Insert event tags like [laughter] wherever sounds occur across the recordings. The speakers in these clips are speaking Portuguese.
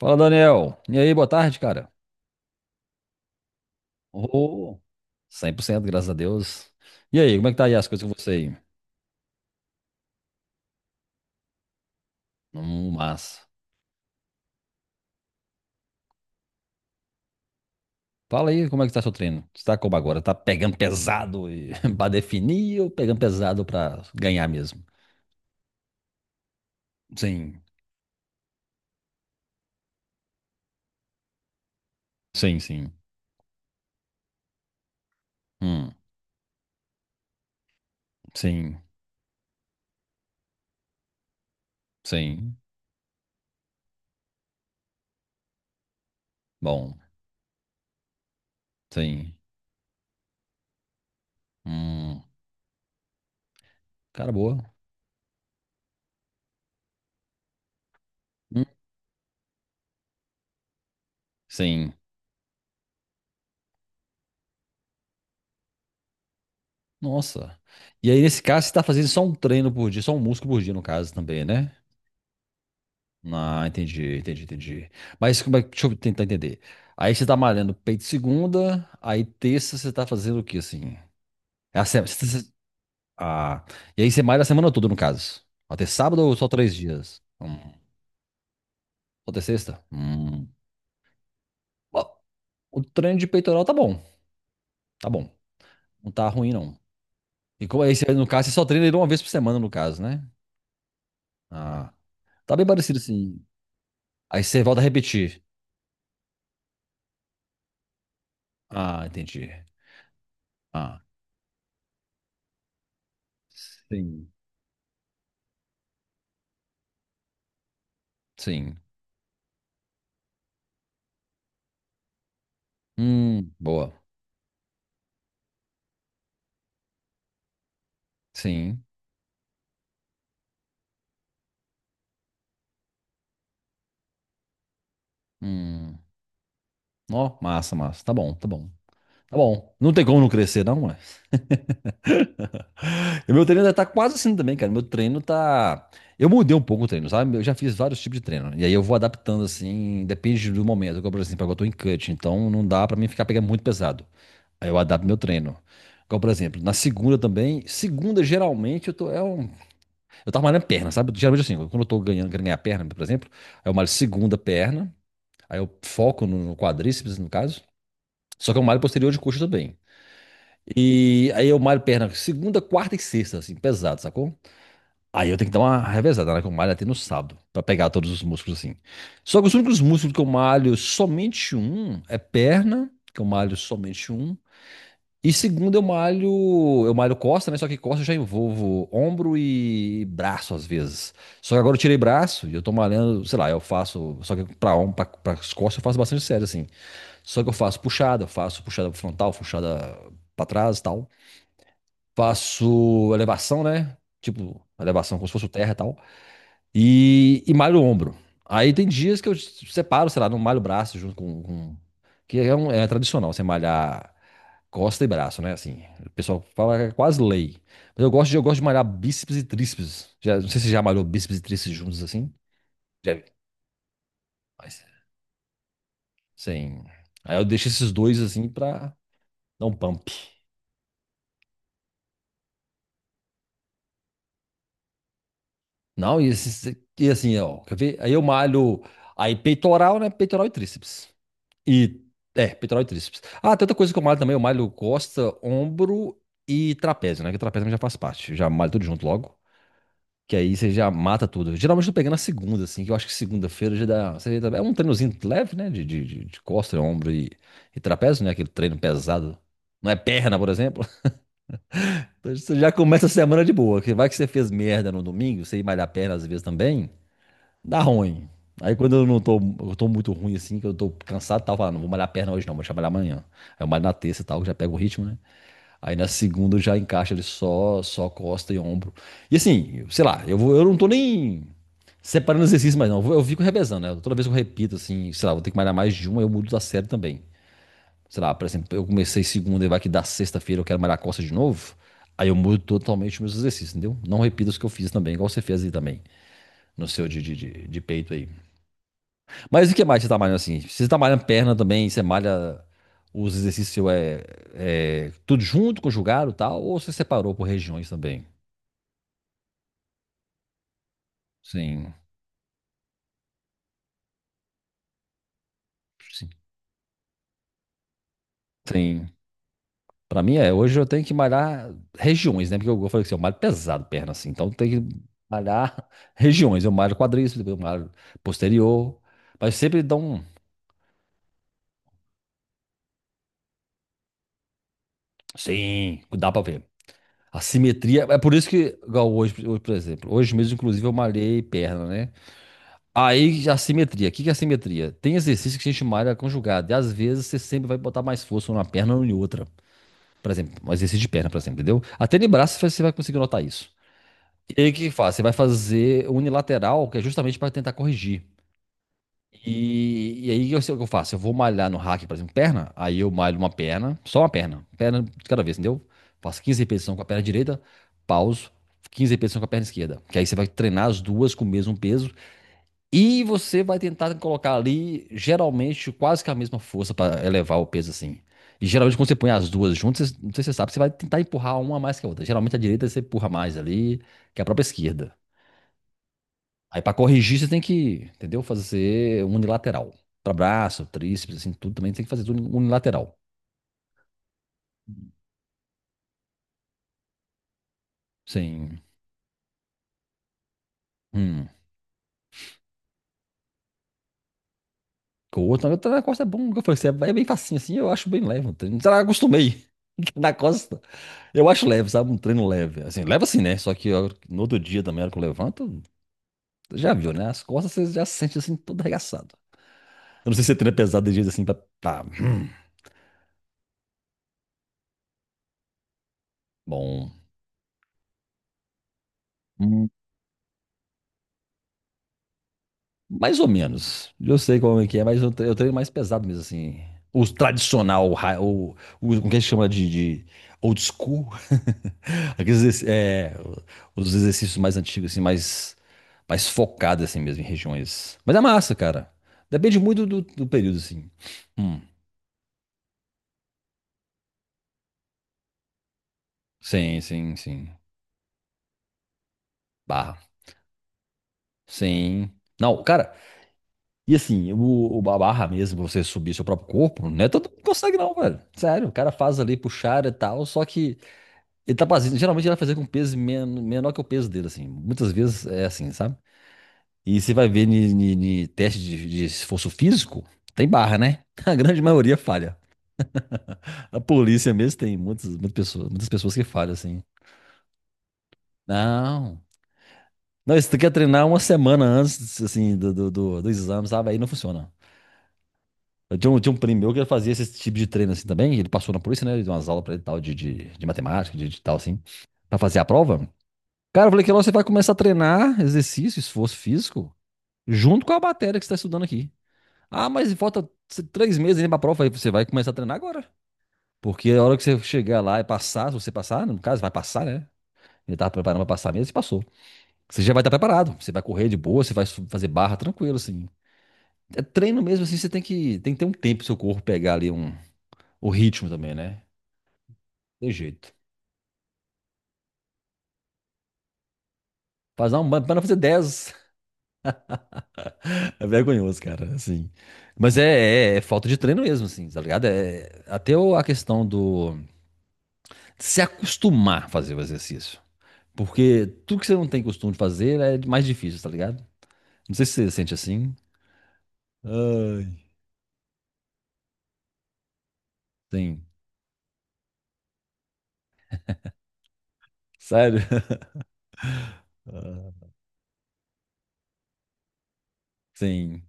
Fala, Daniel. E aí, boa tarde, cara. Oh, 100%, graças a Deus. E aí, como é que tá aí as coisas com você aí? Massa. Fala aí, como é que tá seu treino? Você tá como agora? Tá pegando pesado e [laughs] pra definir ou pegando pesado pra ganhar mesmo? Sim, sim, sim. Hum, sim, sim. Bom, sim. Hum, cara, boa. Hum, sim. Nossa. E aí, nesse caso, você tá fazendo só um treino por dia, só um músculo por dia, no caso, também, né? Ah, entendi, entendi, entendi. Mas deixa eu tentar entender. Aí você tá malhando peito segunda, aí terça você tá fazendo o que assim? É a semana. Ah, e aí você malha a semana toda, no caso. Até sábado ou só 3 dias? Hum. Ou até sexta? Hum. Ó, o treino de peitoral tá bom, tá bom. Não tá ruim, não. E como aí, você, no caso, você só treina ele uma vez por semana, no caso, né? Ah, tá bem parecido assim. Aí você volta a repetir. Ah, entendi. Ah, sim, sim. Boa. Sim. Hum. Ó, massa, massa. Tá bom, tá bom. Tá bom. Não tem como não crescer, não, ué. E meu treino já tá quase assim também, cara. Meu treino tá. Eu mudei um pouco o treino, sabe? Eu já fiz vários tipos de treino. E aí eu vou adaptando, assim, depende do momento. Igual, por exemplo, agora eu tô em cut, então não dá pra mim ficar pegando muito pesado. Aí eu adapto meu treino. Igual, por exemplo, na segunda também. Segunda, geralmente, eu tô. É um. Eu tava malhando perna, sabe? Geralmente assim, quando eu tô ganhando, querendo ganhar perna, por exemplo, aí eu malho segunda perna. Aí eu foco no quadríceps, no caso. Só que é um malho posterior de coxa também. E aí eu malho perna segunda, quarta e sexta, assim, pesado, sacou? Aí eu tenho que dar uma revezada, né? Que eu malho até no sábado, pra pegar todos os músculos, assim. Só que os únicos músculos que eu malho somente um é perna, que eu malho somente um. E segunda eu malho costa, né? Só que costa eu já envolvo ombro e braço às vezes. Só que agora eu tirei braço e eu tô malhando, sei lá, eu faço, só que pra ombro, pras costas eu faço bastante sério, assim. Só que eu faço puxada frontal, puxada pra trás e tal. Faço elevação, né? Tipo, elevação como se fosse o terra e tal. E malho o ombro. Aí tem dias que eu separo, sei lá, não malho o braço junto com. Que é tradicional, você malhar costa e braço, né? Assim, o pessoal fala que é quase lei. Mas eu gosto de malhar bíceps e tríceps. Já, não sei se você já malhou bíceps e tríceps juntos assim. Já. Vi. Mas, sim. Aí eu deixo esses dois assim pra dar um pump. Não. E assim, ó, quer ver? Aí eu malho aí peitoral, né? Peitoral e tríceps. E peitoral e tríceps. Ah, tem outra coisa que eu malho também, eu malho costa, ombro e trapézio, né? Que o trapézio já faz parte. Já malho tudo junto logo. Que aí você já mata tudo. Geralmente eu tô pegando na segunda, assim, que eu acho que segunda-feira já dá. É um treinozinho leve, né? De costa, ombro e trapézio, né? Aquele treino pesado. Não é perna, por exemplo. [laughs] Então você já começa a semana de boa. Que vai que você fez merda no domingo, você ir malhar perna às vezes também. Dá ruim. Aí quando eu não tô, eu tô muito ruim assim, que eu tô cansado, tal, eu falo, não vou malhar a perna hoje não, vou trabalhar amanhã. Aí eu malho na terça e tal, já pego o ritmo, né? Aí na segunda eu já encaixa ele só costa e ombro. E assim, sei lá, eu não tô nem separando exercício mais não, eu fico revezando, né? Toda vez que eu repito assim, sei lá, vou ter que malhar mais de uma, eu mudo da série também. Sei lá, por exemplo, eu comecei segunda e vai que da sexta-feira eu quero malhar costa de novo, aí eu mudo totalmente os meus exercícios, entendeu? Não repito os que eu fiz também, igual você fez aí também, no seu de peito aí. Mas o que mais você tá malhando assim? Você tá malhando perna também, você malha os exercícios seu é tudo junto, conjugado e tal, ou você separou por regiões também? Sim, sim, sim. Hoje eu tenho que malhar regiões, né? Porque eu falei assim, eu malho pesado perna assim, então tem que malhar [laughs] regiões. Eu malho quadríceps, depois eu malho posterior, mas sempre dá um. Sim, dá pra ver. A simetria, é por isso que, igual hoje, hoje, por exemplo, hoje mesmo, inclusive, eu malhei perna, né? Aí, assimetria. O que que é assimetria? Tem exercício que a gente chama de área conjugada. E às vezes você sempre vai botar mais força numa perna ou em outra. Por exemplo, um exercício de perna, por exemplo, entendeu? Até de braço você vai conseguir notar isso. E aí o que que faz? Você vai fazer unilateral, que é justamente para tentar corrigir. E aí eu sei o que eu faço. Eu vou malhar no hack, por exemplo, perna. Aí eu malho uma perna, só uma perna. Perna de cada vez, entendeu? Faço 15 repetições com a perna direita, pauso, 15 repetições com a perna esquerda. Que aí você vai treinar as duas com o mesmo peso e você vai tentar colocar ali, geralmente, quase que a mesma força para elevar o peso assim. E geralmente, quando você põe as duas juntas, não sei se você sabe, você vai tentar empurrar uma mais que a outra. Geralmente, a direita você empurra mais ali que a própria esquerda. Aí, para corrigir, você tem que, entendeu? Fazer unilateral. Para braço, tríceps, assim, tudo também tem que fazer tudo unilateral. Sim. Hum. Com o outro, na outra na costa é bom. Como eu falei, assim, é bem facinho assim, eu acho bem leve. Não, sei lá, acostumei. [laughs] Na costa. Eu acho leve, sabe? Um treino leve. Assim, leva assim, né? Só que no outro dia também, na hora que eu levanto, já viu, né? As costas você já sente assim, todo arregaçado. Eu não sei se você treina pesado de jeito assim pra. Tá, bom. Hum. Mais ou menos. Eu sei como é que é, mas eu treino mais pesado mesmo, assim. O tradicional, o, ra- o- como que a gente chama de old school? [laughs] Aqueles, exerc- é, os exercícios mais antigos, assim, mais, mais focados, assim mesmo, em regiões. Mas é massa, cara. Depende muito do período, assim. Hum. Sim, sim, sim. Barra. Sim. Não, cara, e assim, barra mesmo, você subir seu próprio corpo, não é todo mundo que consegue, não, velho. Sério, o cara faz ali puxar e tal, só que. Ele tá fazendo, geralmente ele vai fazer com peso menor que o peso dele, assim. Muitas vezes é assim, sabe? E você vai ver ni teste de esforço físico, tem barra, né? [laughs] A grande maioria falha. A polícia mesmo tem muitas, muitas pessoas que falham, assim. Não. Não, isso tu quer treinar uma semana antes, assim, do exame, sabe? Aí não funciona. Tinha um primo meu que ele fazia esse tipo de treino assim também. Ele passou na polícia, né? Ele deu umas aulas pra ele e tal, de matemática, de tal, assim, pra fazer a prova. Cara, eu falei que lá você vai começar a treinar exercício, esforço físico, junto com a matéria que você está estudando aqui. Ah, mas falta 3 meses ainda para a prova. Aí você vai começar a treinar agora. Porque a hora que você chegar lá e passar, se você passar, no caso, vai passar, né? Ele tava preparando para passar mesmo, você passou. Você já vai estar preparado. Você vai correr de boa, você vai fazer barra tranquilo, assim. É treino mesmo, assim, você tem que ter um tempo pro seu corpo pegar ali um, o ritmo também, né? Tem jeito. Fazer um, para fazer 10. É vergonhoso, cara, assim. Mas é falta de treino mesmo, assim, tá ligado? É, até a questão do de se acostumar a fazer o exercício. Porque tudo que você não tem costume de fazer é mais difícil, tá ligado? Não sei se você sente assim. Ai. Sim. Sério? [laughs] Sim.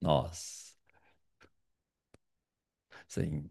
Nossa. Sim.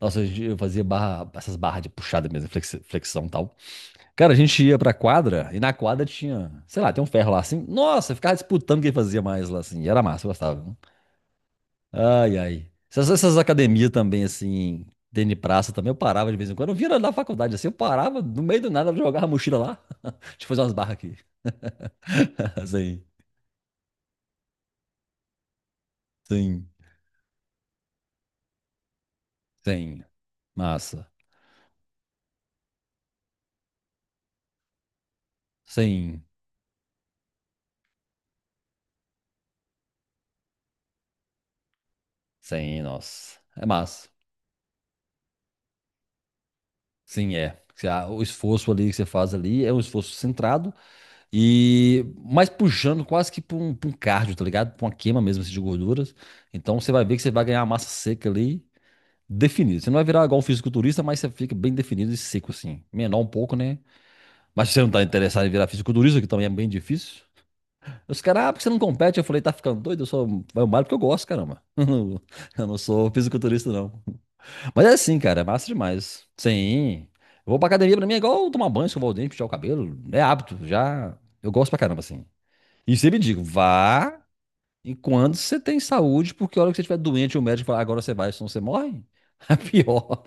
Nossa, eu fazia barra, essas barras de puxada mesmo, flexão e tal. Cara, a gente ia pra quadra e na quadra tinha, sei lá, tem um ferro lá assim. Nossa, eu ficava disputando quem fazia mais lá assim. E era massa, eu gostava. Ai, ai. Essas academias também, assim, tênis de praça também, eu parava de vez em quando. Eu vinha na faculdade, assim, eu parava, no meio do nada, eu jogava a mochila lá. [laughs] Deixa eu fazer umas barras aqui. [laughs] Sim, sim, sim. Massa. Sim, sim, nossa. É massa. Sim, é. Se a- O esforço ali que você faz ali é um esforço centrado e mais puxando quase que pra um cardio, tá ligado? Para uma queima mesmo assim, de gorduras. Então você vai ver que você vai ganhar massa seca ali definido. Você não vai virar igual um fisiculturista, mas você fica bem definido e seco, assim. Menor um pouco, né? Mas se você não tá interessado em virar fisiculturista, que também é bem difícil. Os caras, ah, porque você não compete? Eu falei, tá ficando doido? Eu só vai o malho porque eu gosto, caramba. [laughs] Eu não sou fisiculturista, não. Mas é assim, cara, é massa demais. Sim. Eu vou pra academia, pra mim é igual tomar banho, escovar o dente, puxar o cabelo. É hábito, já. Eu gosto pra caramba, assim. E sempre digo, vá enquanto você tem saúde, porque a hora que você estiver doente, o médico fala, agora você vai, senão você morre. [laughs] É pior.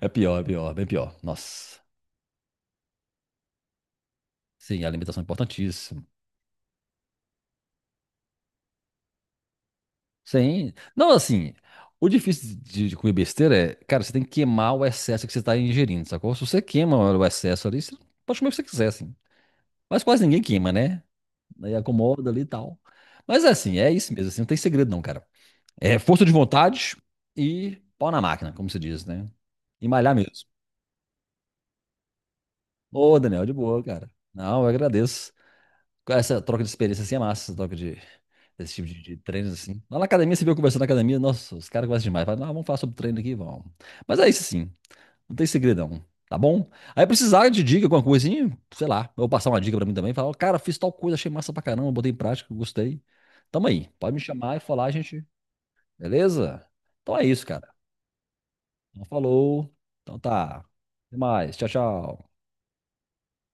É pior, é pior, bem pior. Nossa. Sim, a alimentação é importantíssima. Sim. Não, assim, o difícil de comer besteira é, cara, você tem que queimar o excesso que você está ingerindo, sacou? Se você queima o excesso ali, você pode comer o que você quiser, assim. Mas quase ninguém queima, né? Aí acomoda ali e tal. Mas é assim, é isso mesmo, assim, não tem segredo não, cara. É força de vontade e pau na máquina, como se diz, né? E malhar mesmo. Ô, Daniel, de boa, cara. Não, eu agradeço. Essa troca de experiência assim é massa, essa troca de. Esse tipo de treinos assim. Lá na academia, você viu eu conversando na academia, nossa, os caras gostam demais. Fala, ah, vamos falar sobre treino aqui, vamos. Mas é isso sim, não tem segredão, tá bom? Aí precisar de dica, alguma coisa assim, sei lá, eu vou passar uma dica pra mim também, falar, ó, cara, fiz tal coisa, achei massa pra caramba, botei em prática, gostei. Tamo aí, pode me chamar e falar, gente, beleza? Então é isso, cara. Então falou, então tá, até mais, tchau, tchau.